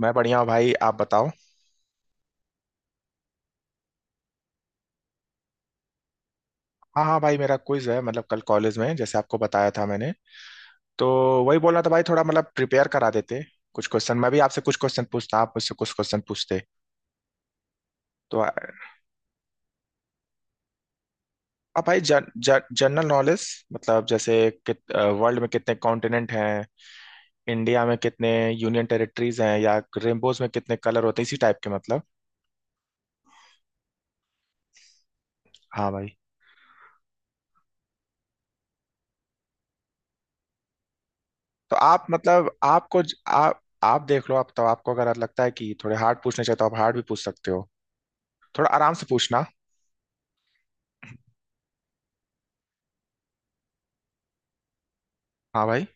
मैं बढ़िया हूँ भाई। आप बताओ। हाँ हाँ भाई, मेरा क्विज है मतलब कल कॉलेज में, जैसे आपको बताया था मैंने। तो वही बोलना था भाई, थोड़ा मतलब प्रिपेयर करा देते कुछ क्वेश्चन। मैं भी आपसे कुछ क्वेश्चन पूछता, आप मुझसे कुछ क्वेश्चन पूछते। तो आप भाई जन, जन, जनरल नॉलेज मतलब जैसे वर्ल्ड में कितने कॉन्टिनेंट हैं। इंडिया में कितने यूनियन टेरिटरीज हैं या रेनबोज में कितने कलर होते हैं, इसी टाइप के मतलब। हाँ भाई। तो आप मतलब आपको आप देख लो, आप तो। आपको अगर लगता है कि थोड़े हार्ड पूछने चाहिए तो आप हार्ड भी पूछ सकते हो। थोड़ा आराम से पूछना। हाँ भाई।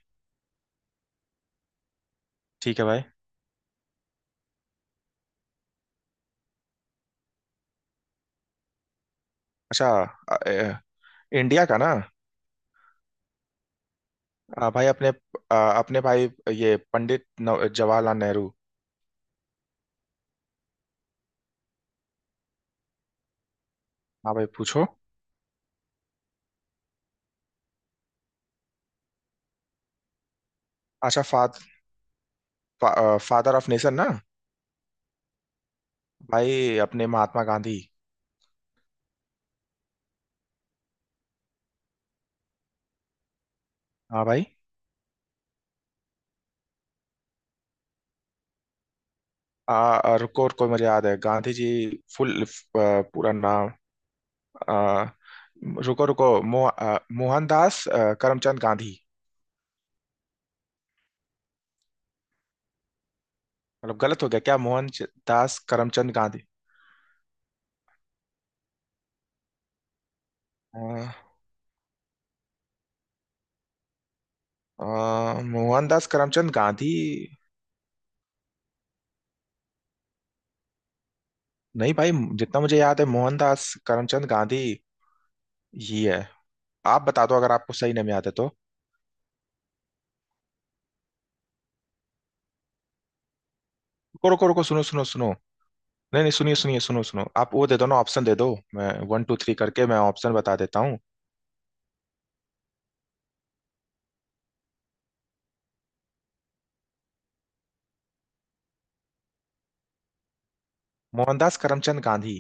ठीक है भाई। अच्छा। अ, अ, इंडिया का ना। भाई अपने अपने भाई, ये पंडित जवाहरलाल नेहरू। हाँ भाई पूछो। अच्छा फा, फा, फादर ऑफ नेशन ना। भाई अपने महात्मा गांधी। हाँ भाई। आ, आ, रुको रुको, मुझे याद है गांधी जी फुल पूरा नाम। आ, रुको रुको। मोहनदास करमचंद गांधी। मतलब गलत हो गया क्या? मोहनदास करमचंद गांधी। आ, आ, मोहनदास करमचंद गांधी। नहीं भाई, जितना मुझे याद है मोहनदास करमचंद गांधी ही है। आप बता दो अगर आपको सही नहीं याद है तो। रुको रुको रुको, सुनो सुनो सुनो। नहीं नहीं, सुनिए सुनिए, सुनो सुनो। आप वो दे दो ना, ऑप्शन दे दो। मैं वन टू थ्री करके मैं ऑप्शन बता देता हूँ। मोहनदास करमचंद गांधी।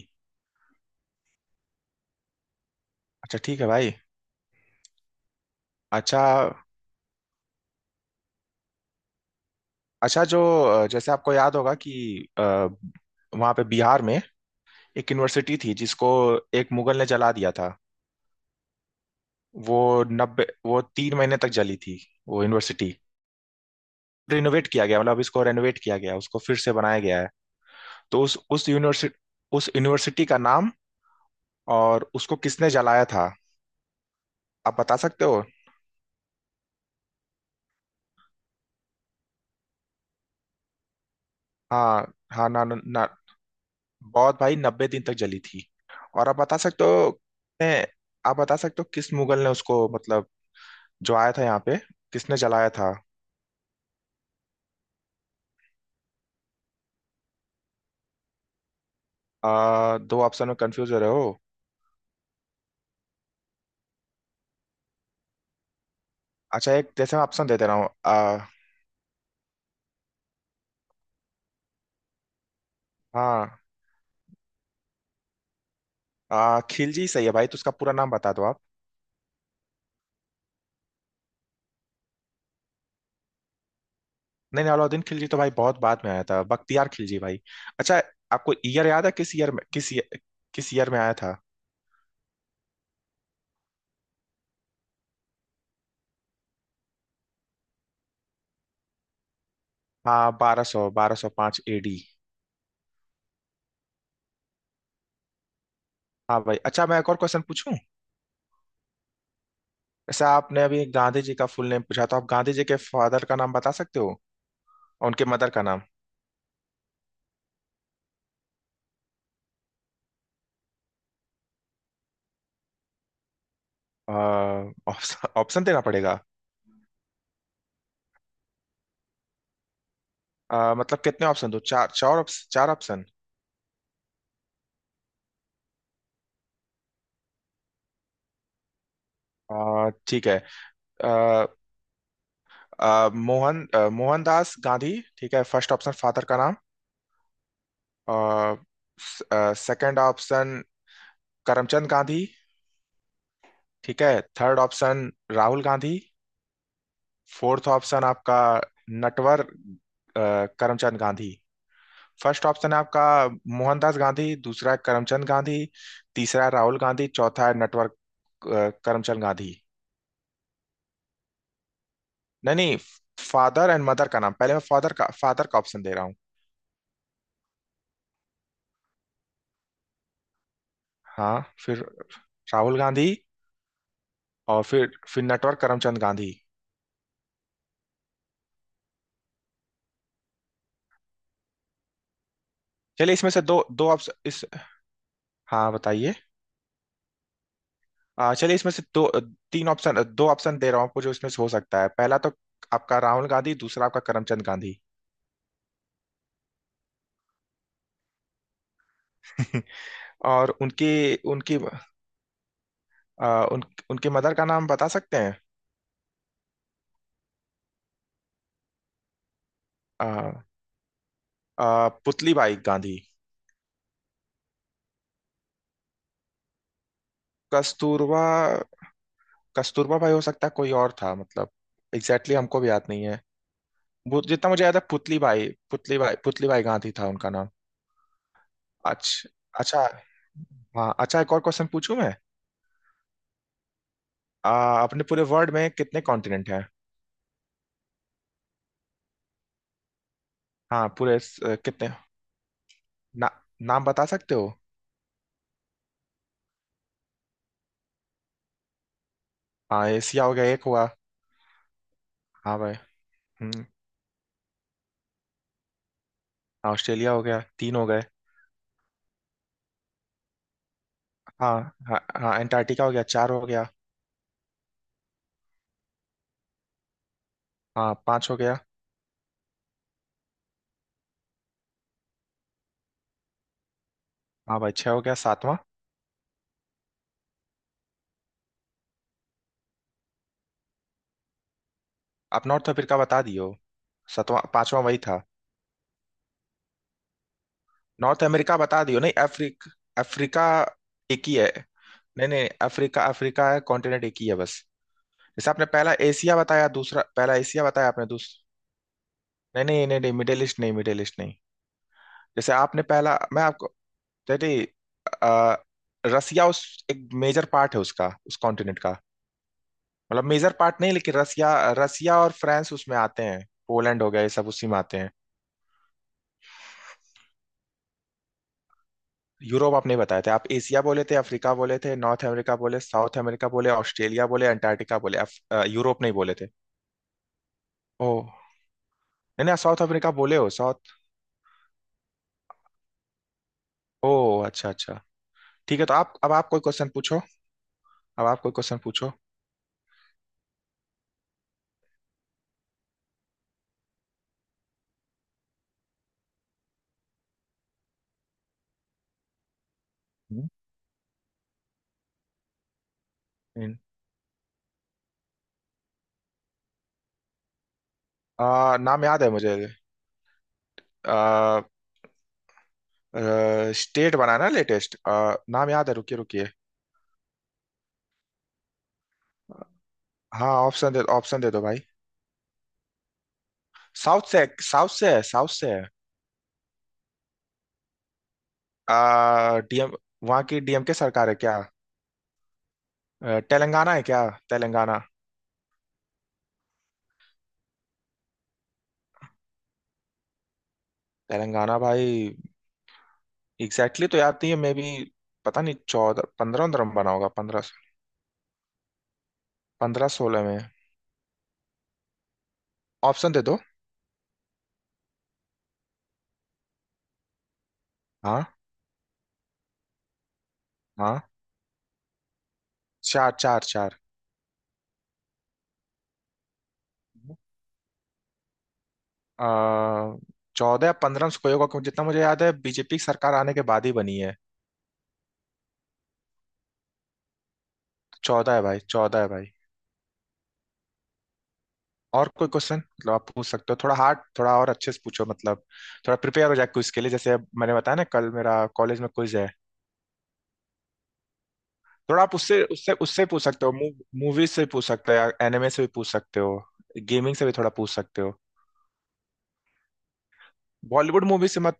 अच्छा ठीक है भाई। अच्छा, अच्छा जो जैसे आपको याद होगा कि अ, वहाँ पे बिहार में एक यूनिवर्सिटी थी जिसको एक मुगल ने जला दिया था। वो नब्बे, वो 3 महीने तक जली थी वो यूनिवर्सिटी। रिनोवेट किया गया, मतलब इसको रेनोवेट किया गया, उसको फिर से बनाया गया है। तो उस यूनिवर्सिटी, उस यूनिवर्सिटी का नाम और उसको किसने जलाया था आप बता सकते हो। हाँ हाँ, ना ना ना- बहुत भाई, 90 दिन तक जली थी। और आप बता सकते हो, ने, आप बता सकते हो किस मुगल ने उसको, मतलब जो आया था यहाँ पे किसने जलाया था। दो ऑप्शन में कंफ्यूज हो रहे हो? अच्छा एक जैसे मैं ऑप्शन दे दे रहा हूँ। हाँ। खिलजी सही है भाई, तो उसका पूरा नाम बता दो आप। नहीं नहीं, अलाउद्दीन खिलजी तो भाई बहुत बाद में आया था। बख्तियार खिलजी भाई। अच्छा, आपको ईयर याद है? किस ईयर में आया था? हाँ 1205 एडी। हाँ भाई। अच्छा, मैं एक और क्वेश्चन पूछूं? जैसे आपने अभी गांधी जी का फुल नेम पूछा, तो आप गांधी जी के फादर का नाम बता सकते हो और उनके मदर का नाम? ऑप्शन ऑप्शन देना पड़ेगा। मतलब कितने ऑप्शन? दो, चार, चार ऑप्शन, चार ऑप्शन। ठीक है। अ, मोहनदास गांधी। ठीक है, फर्स्ट ऑप्शन फादर का नाम। Second option Karamchand Gandhi. ठीक है, third option Rahul Gandhi. Fourth option आपका नटवर करमचंद गांधी। फर्स्ट ऑप्शन है आपका मोहनदास गांधी, दूसरा है करमचंद गांधी, तीसरा है राहुल गांधी, चौथा है नटवर करमचंद गांधी। नहीं नहीं, फादर एंड मदर का नाम। पहले मैं फादर का ऑप्शन दे रहा हूँ। हाँ, फिर राहुल गांधी, और फिर नटवर करमचंद गांधी। चलिए इसमें से दो, दो ऑप्शन इस। हाँ बताइए। चलिए इसमें से दो, तीन ऑप्शन, दो ऑप्शन दे रहा हूँ आपको जो इसमें से हो सकता है। पहला तो आपका राहुल गांधी, दूसरा आपका करमचंद गांधी। और उनकी, उनकी आ, उन, उनके मदर का नाम बता सकते हैं? आ, आ, पुतली बाई गांधी। कस्तूरबा, कस्तूरबा भाई हो सकता है, कोई और था मतलब। एग्जैक्टली exactly हमको भी याद नहीं है। वो जितना मुझे याद है, पुतली बाई, पुतली बाई, पुतली बाई गांधी था उनका नाम। अच्छा अच्छा। हाँ, अच्छा एक और क्वेश्चन पूछूं मैं? अपने पूरे वर्ल्ड में कितने कॉन्टिनेंट हैं? हाँ पूरे कितने, ना, नाम बता सकते हो? हाँ एशिया हो गया, एक हुआ। हाँ भाई। हम्म। हाँ, ऑस्ट्रेलिया हो गया, तीन हो गए। हाँ हाँ, हाँ एंटार्क्टिका हो गया, चार हो गया। हाँ, पाँच हो गया। हाँ भाई, छः हो गया, सातवां? आप नॉर्थ अफ्रीका बता दियो। सातवां, पांचवां वही था। नॉर्थ अमेरिका बता दियो, नहीं अफ्रीका। एक ही है। नहीं नहीं, अफ्रीका, अफ्रीका है कॉन्टिनेंट, एक ही है बस। जैसे आपने पहला एशिया बताया, दूसरा, पहला एशिया बताया आपने, दूसरा। नहीं नहीं नहीं नहीं, मिडिल ईस्ट नहीं, मिडिल ईस्ट नहीं। जैसे आपने पहला, मैं आपको डैडी आ, रसिया उस, एक मेजर पार्ट है उसका, उस कॉन्टिनेंट का। मतलब मेजर पार्ट नहीं, लेकिन रसिया। रसिया और फ्रांस उसमें आते हैं, पोलैंड हो गया, ये सब उसी में आते हैं। यूरोप आप नहीं बताए थे। आप एशिया बोले थे, अफ्रीका बोले थे, नॉर्थ अमेरिका बोले, साउथ अमेरिका बोले, ऑस्ट्रेलिया बोले, अंटार्कटिका बोले, यूरोप नहीं बोले थे। ओ। नहीं नहीं, साउथ अफ्रीका बोले हो, साउथ। ओ अच्छा अच्छा। ठीक है, तो आप अब आप कोई क्वेश्चन पूछो। अब आप कोई क्वेश्चन पूछो। हम्म, हम्म। नाम याद है मुझे। आ, स्टेट बनाना लेटेस्ट, नाम याद है, रुकिए रुकिए। हाँ, ऑप्शन दे दो भाई। साउथ से, साउथ से है, साउथ से है। डीएम, वहाँ की डीएम के सरकार है क्या? तेलंगाना है क्या? तेलंगाना, तेलंगाना भाई। एग्जैक्टली exactly तो याद नहीं है मे भी। पता नहीं, चौदह पंद्रह, पंद्रह में बना होगा, पंद्रह। पंद्रह सोलह में। ऑप्शन दे दो। हाँ हाँ, चार, चार, चार। अ, चौदह या पंद्रह में से कोई होगा, क्योंकि जितना मुझे याद है बीजेपी की सरकार आने के बाद ही बनी है। चौदह है भाई, चौदह है भाई। और कोई क्वेश्चन मतलब आप पूछ सकते हो, थोड़ा हार्ड, थोड़ा और अच्छे से पूछो मतलब। थोड़ा प्रिपेयर हो जाए क्विज के लिए, जैसे अब मैंने बताया ना कल मेरा कॉलेज में क्विज है। थोड़ा आप उससे उससे उससे पूछ सकते हो। मूवीज से भी पूछ सकते हो या एनिमे से भी पूछ सकते हो। गेमिंग से भी थोड़ा पूछ सकते हो। बॉलीवुड मूवी से मत।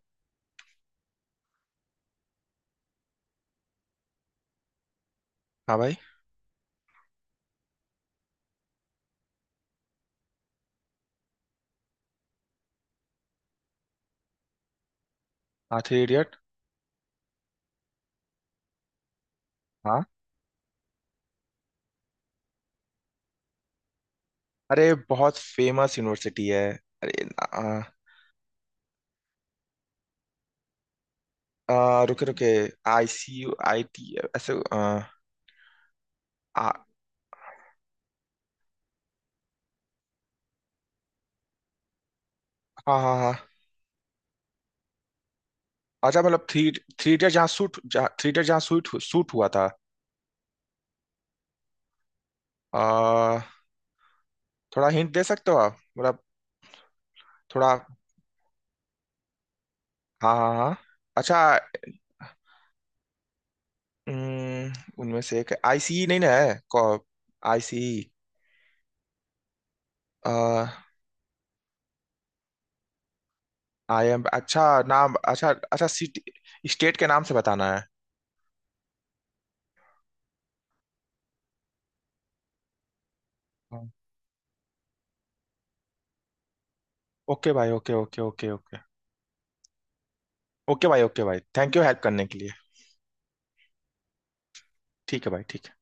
हाँ भाई। हाँ, थ्री इडियट, हाँ। अरे बहुत फेमस यूनिवर्सिटी है। अरे आ, आ, रुके रुके, ICUIT ऐसे, आ, हाँ हाँ हाँ। अच्छा मतलब थ्री, थ्री इडियट जहाँ शूट शूट हुआ था। आ, थोड़ा हिंट दे सकते हो आप मतलब? थोड़ा, हाँ हाँ हाँ। अच्छा, उम, उनमें से एक IC नहीं ना है? आईसी। IM, अच्छा। नाम, अच्छा अच्छा, सिटी स्टेट के नाम से बताना है? ओके भाई, okay okay okay okay. Okay भाई, ओके भाई, थैंक यू हेल्प करने के लिए। ठीक है भाई, ठीक है।